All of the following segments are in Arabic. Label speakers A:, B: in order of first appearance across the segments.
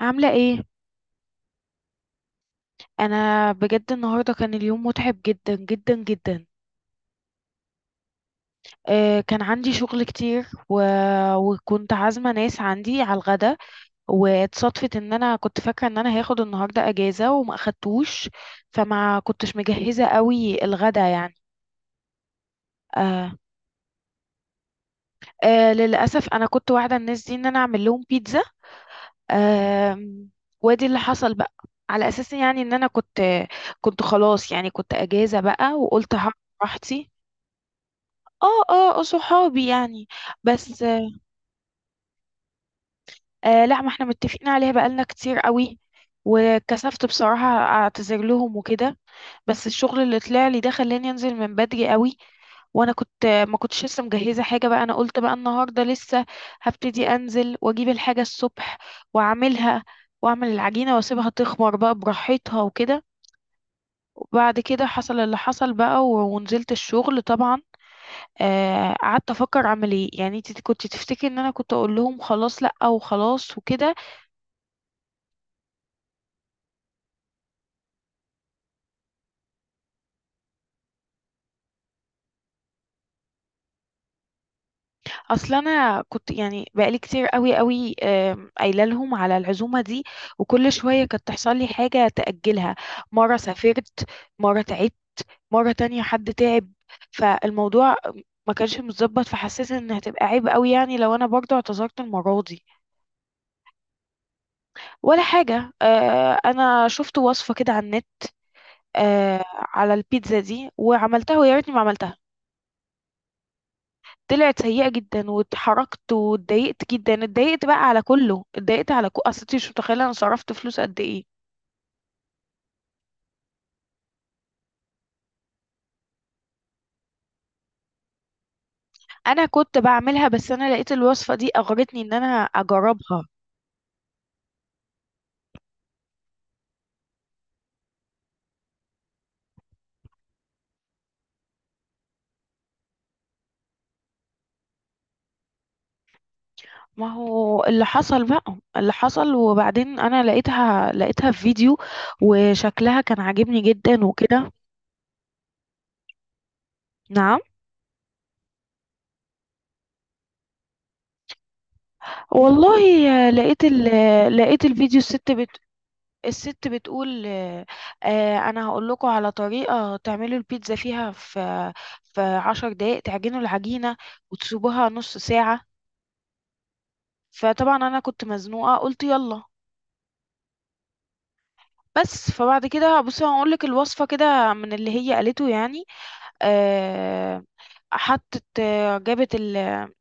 A: عاملة ايه؟ انا بجد النهاردة كان اليوم متعب جدا جدا جدا. كان عندي شغل كتير وكنت عازمة ناس عندي على الغدا. واتصادفت ان انا كنت فاكرة ان انا هاخد النهاردة اجازة وما اخدتوش، فما كنتش مجهزة قوي الغدا يعني. آه. للأسف انا كنت واعدة الناس دي ان انا اعمل لهم بيتزا. آه. وادي اللي حصل بقى، على اساس يعني ان انا كنت خلاص، يعني كنت اجازة بقى وقلت هعمل براحتي. اه، اه، صحابي يعني، بس. لا، ما احنا متفقين عليها بقالنا كتير قوي، وكسفت بصراحة اعتذر لهم وكده. بس الشغل اللي طلع لي ده خلاني انزل من بدري قوي، وانا كنت ما كنتش لسه مجهزة حاجة بقى. انا قلت بقى النهاردة لسه هبتدي انزل واجيب الحاجة الصبح واعملها، واعمل العجينة واسيبها تخمر بقى براحتها وكده. وبعد كده حصل اللي حصل بقى ونزلت الشغل طبعا. قعدت افكر اعمل ايه، يعني انت كنت تفتكري ان انا كنت اقول لهم خلاص لا وخلاص وكده. اصل انا كنت يعني بقالي كتير قوي قوي قايله لهم على العزومه دي، وكل شويه كانت تحصل لي حاجه تاجلها. مره سافرت، مره تعبت، مره تانية حد تعب. فالموضوع ما كانش متظبط، فحسيت ان هتبقى عيب قوي يعني لو انا برضو اعتذرت المره دي. ولا حاجه. انا شفت وصفه كده على النت، على البيتزا دي، وعملتها ويا ريتني ما عملتها. طلعت سيئة جدا، واتحركت واتضايقت جدا، اتضايقت بقى على كله، اتضايقت على اصل انتي مش متخيلة انا صرفت فلوس قد ايه. انا كنت بعملها بس انا لقيت الوصفة دي اغرتني ان انا اجربها. ما هو اللي حصل بقى اللي حصل، وبعدين انا لقيتها في فيديو، وشكلها كان عاجبني جدا وكده. نعم. والله آه، لقيت ال... آه، لقيت الفيديو. الست، الست بتقول، انا هقول لكم على طريقه تعملوا البيتزا فيها، في عشر دقايق تعجنوا العجينه وتسيبوها نص ساعه. فطبعا انا كنت مزنوقه قلت يلا. بس فبعد كده بصي هقول لك الوصفه كده من اللي هي قالته يعني. آه، حطت آه، جابت ال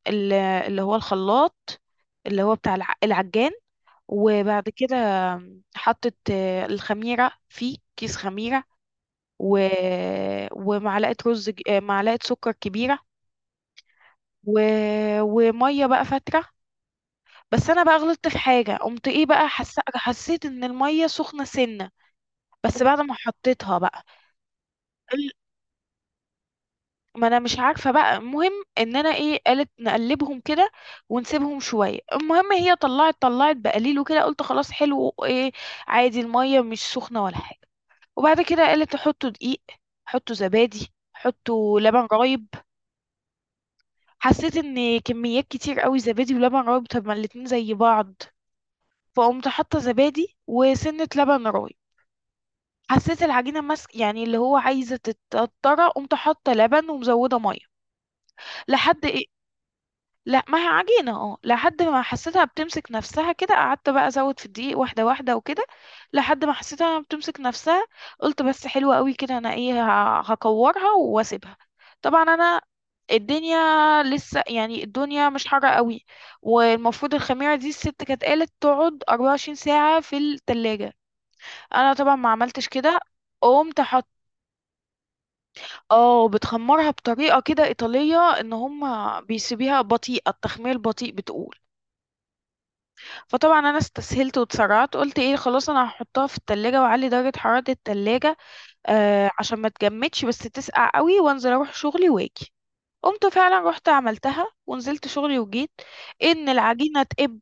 A: ال اللي هو الخلاط، اللي هو بتاع العجان. وبعد كده حطت الخميره، فيه كيس خميره، و... ومعلقة رز ج- آه، معلقة سكر كبيرة، و... ومية بقى فترة. بس انا بقى غلطت في حاجة، قمت ايه بقى، حسيت ان المية سخنة سنة بس بعد ما حطيتها بقى ال- ما انا مش عارفة بقى. المهم ان انا ايه، قالت نقلبهم كده ونسيبهم شوية. المهم هي طلعت بقليل وكده، قلت خلاص حلو، ايه، عادي، المية مش سخنة ولا حاجة. وبعد كده قالت حطوا دقيق، حطوا زبادي، حطوا لبن رايب. حسيت ان كميات كتير قوي زبادي ولبن رايب، طب ما الاتنين زي بعض، فقمت حاطه زبادي وسنه لبن رايب. حسيت العجينه ماسك، يعني اللي هو عايزه تتقطر، قمت حاطه لبن ومزوده ميه لحد إيه. لا، ما هي عجينة، اه، لحد ما حسيتها بتمسك نفسها كده، قعدت بقى ازود في الدقيق واحدة واحدة وكده، لحد ما حسيتها بتمسك نفسها. قلت بس حلوة قوي كده، انا ايه، هكورها واسيبها. طبعا الدنيا لسه، يعني الدنيا مش حارة قوي، والمفروض الخميرة دي الست كانت قالت تقعد 24 ساعة في التلاجة. انا طبعا ما عملتش كده. قمت حط. اه، بتخمرها بطريقة كده إيطالية، ان هم بيسيبيها بطيئة التخمير، بطيء بتقول. فطبعا انا استسهلت واتسرعت، قلت ايه، خلاص انا هحطها في التلاجة واعلي درجة حرارة التلاجة، عشان ما تجمدش بس تسقع قوي، وانزل اروح شغلي واجي. قمت فعلا رحت عملتها ونزلت شغلي وجيت. ان العجينة تقب،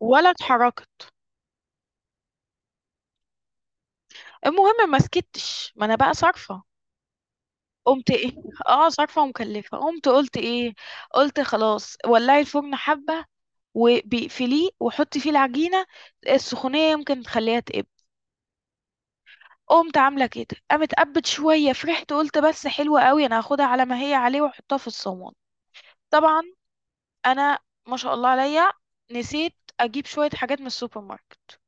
A: ولا اتحركت. المهم ما سكتش، ما انا بقى صارفة. قمت ايه، اه، صارفة ومكلفة. قمت قلت ايه، قلت خلاص ولعي الفرن حبة وبيقفليه وحطي فيه العجينة، السخونية يمكن تخليها تقب. قمت عامله كده، قامت قبت شويه، فرحت قلت بس حلوه قوي، انا هاخدها على ما هي عليه واحطها في الصواني. طبعا انا، ما شاء الله عليا، نسيت اجيب شويه حاجات من السوبر ماركت.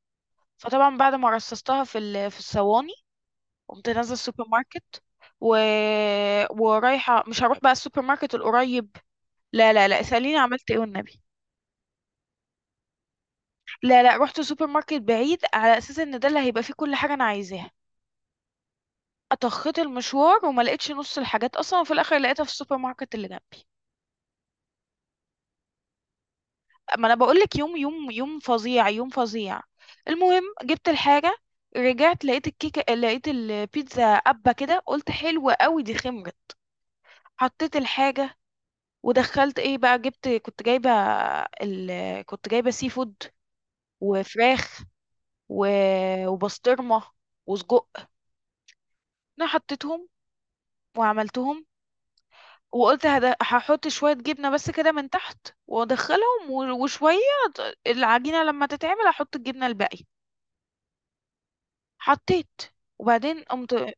A: فطبعا بعد ما رصصتها في في الصواني، قمت نازله السوبر ماركت و... ورايحه. مش هروح بقى السوبر ماركت القريب، لا لا لا، اساليني عملت ايه والنبي. لا لا، رحت سوبر ماركت بعيد على اساس ان ده اللي هيبقى فيه كل حاجه انا عايزاها. اطخت المشوار وما لقيتش نص الحاجات اصلا، وفي الاخر لقيتها في السوبر ماركت اللي جنبي. ما انا بقول لك، يوم يوم يوم فظيع، يوم فظيع. المهم جبت الحاجه. رجعت لقيت الكيكه، لقيت البيتزا قبه كده، قلت حلوه قوي دي، خمرت. حطيت الحاجه ودخلت ايه بقى. جبت، كنت جايبه ال... كنت جايبه سي فود وفراخ، و... وبسطرمه وسجق. انا حطيتهم وعملتهم، وقلت هحط شويه جبنه بس كده من تحت وادخلهم، وشويه العجينه لما تتعمل احط الجبنه الباقي. حطيت وبعدين قمت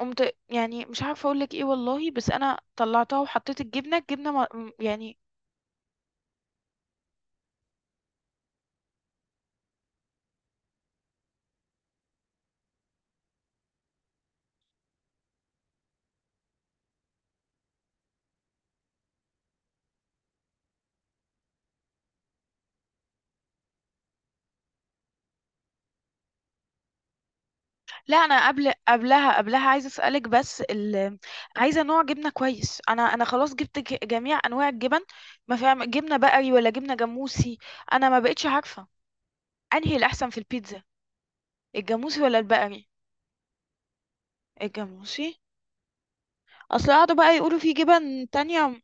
A: قمت يعني مش عارفه اقول لك ايه والله، بس انا طلعتها وحطيت الجبنه ما يعني. لا انا قبلها عايزه اسالك بس عايزه نوع جبنه كويس. انا خلاص جبت جميع انواع الجبن، ما فيها جبنه بقري ولا جبنه جاموسي. انا ما بقتش عارفه انهي الاحسن في البيتزا، الجاموسي ولا البقري. الجاموسي. اصل قعدوا بقى يقولوا في جبن تانية.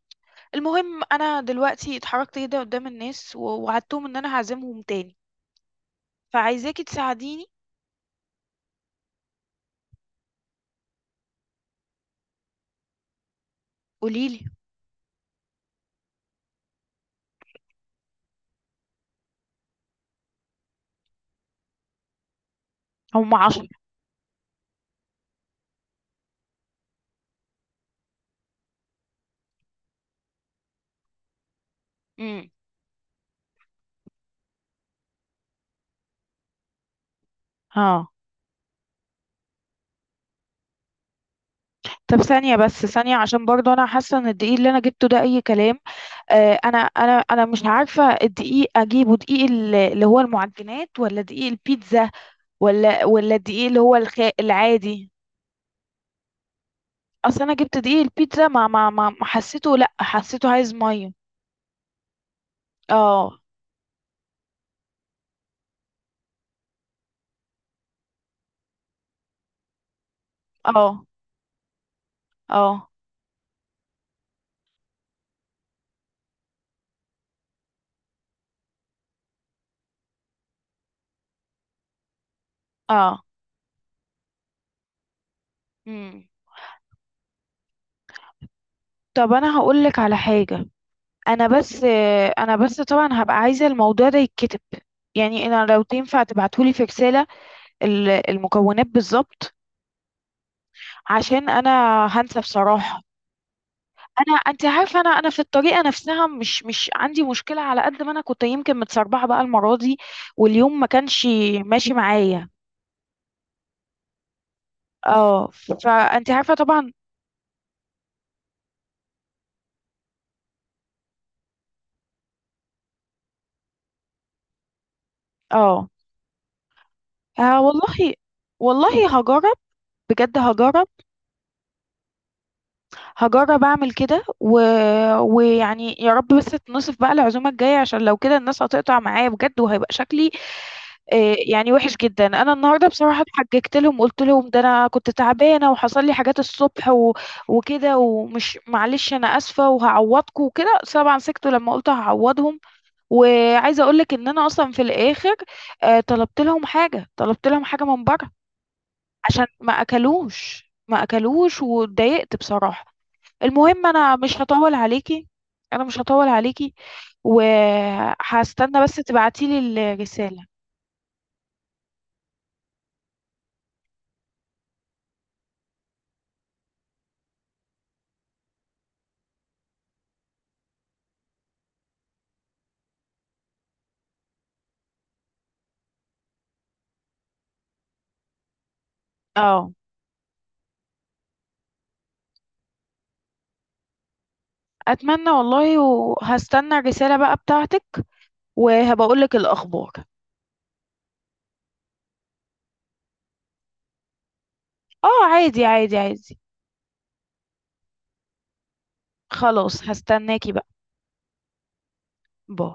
A: المهم انا دلوقتي اتحركت كده قدام الناس، ووعدتهم ان انا هعزمهم تاني، فعايزاكي تساعديني. قوليلي، هم 10 قول. امم، اه. طب ثانية بس ثانية، عشان برضه أنا حاسة إن الدقيق اللي أنا جبته ده أي كلام. أنا مش عارفة الدقيق أجيبه دقيق اللي هو المعجنات ولا دقيق البيتزا، ولا الدقيق اللي هو العادي. أصل أنا جبت دقيق البيتزا، ما حسيته، لأ حسيته عايز مية. اه، اه، اه، اه، امم. طب أنا هقولك على حاجة، انا بس انا بس طبعا هبقى عايزه الموضوع ده يتكتب. يعني انا لو تنفع تبعتولي في رساله المكونات بالظبط، عشان انا هنسى بصراحه. انت عارفه، انا في الطريقه نفسها مش عندي مشكله، على قد ما انا كنت يمكن متسربعه بقى المره دي، واليوم ما كانش ماشي معايا. اه. فانت عارفه طبعا. اه. والله، والله هجرب، بجد هجرب. هجرب اعمل كده ويعني يا رب بس تنصف بقى العزومه الجايه، عشان لو كده الناس هتقطع معايا بجد وهيبقى شكلي يعني وحش جدا. انا النهارده بصراحه اتحججت لهم، قلت لهم ده انا كنت تعبانه وحصل لي حاجات الصبح وكده، ومش معلش انا اسفه وهعوضكم وكده. طبعا سكتوا لما قلت هعوضهم. وعايزه اقول لك ان انا اصلا في الاخر طلبت لهم حاجه من بره، عشان ما اكلوش، ما اكلوش واتضايقت بصراحه. المهم انا مش هطول عليكي. انا مش هطول عليكي، وهستنى بس تبعتيلي الرسالة. اه، اتمنى والله. وهستنى الرسالة بقى بتاعتك، وهبقولك الاخبار. اه، عادي، عادي، عادي. خلاص، هستناكي بقى. باي.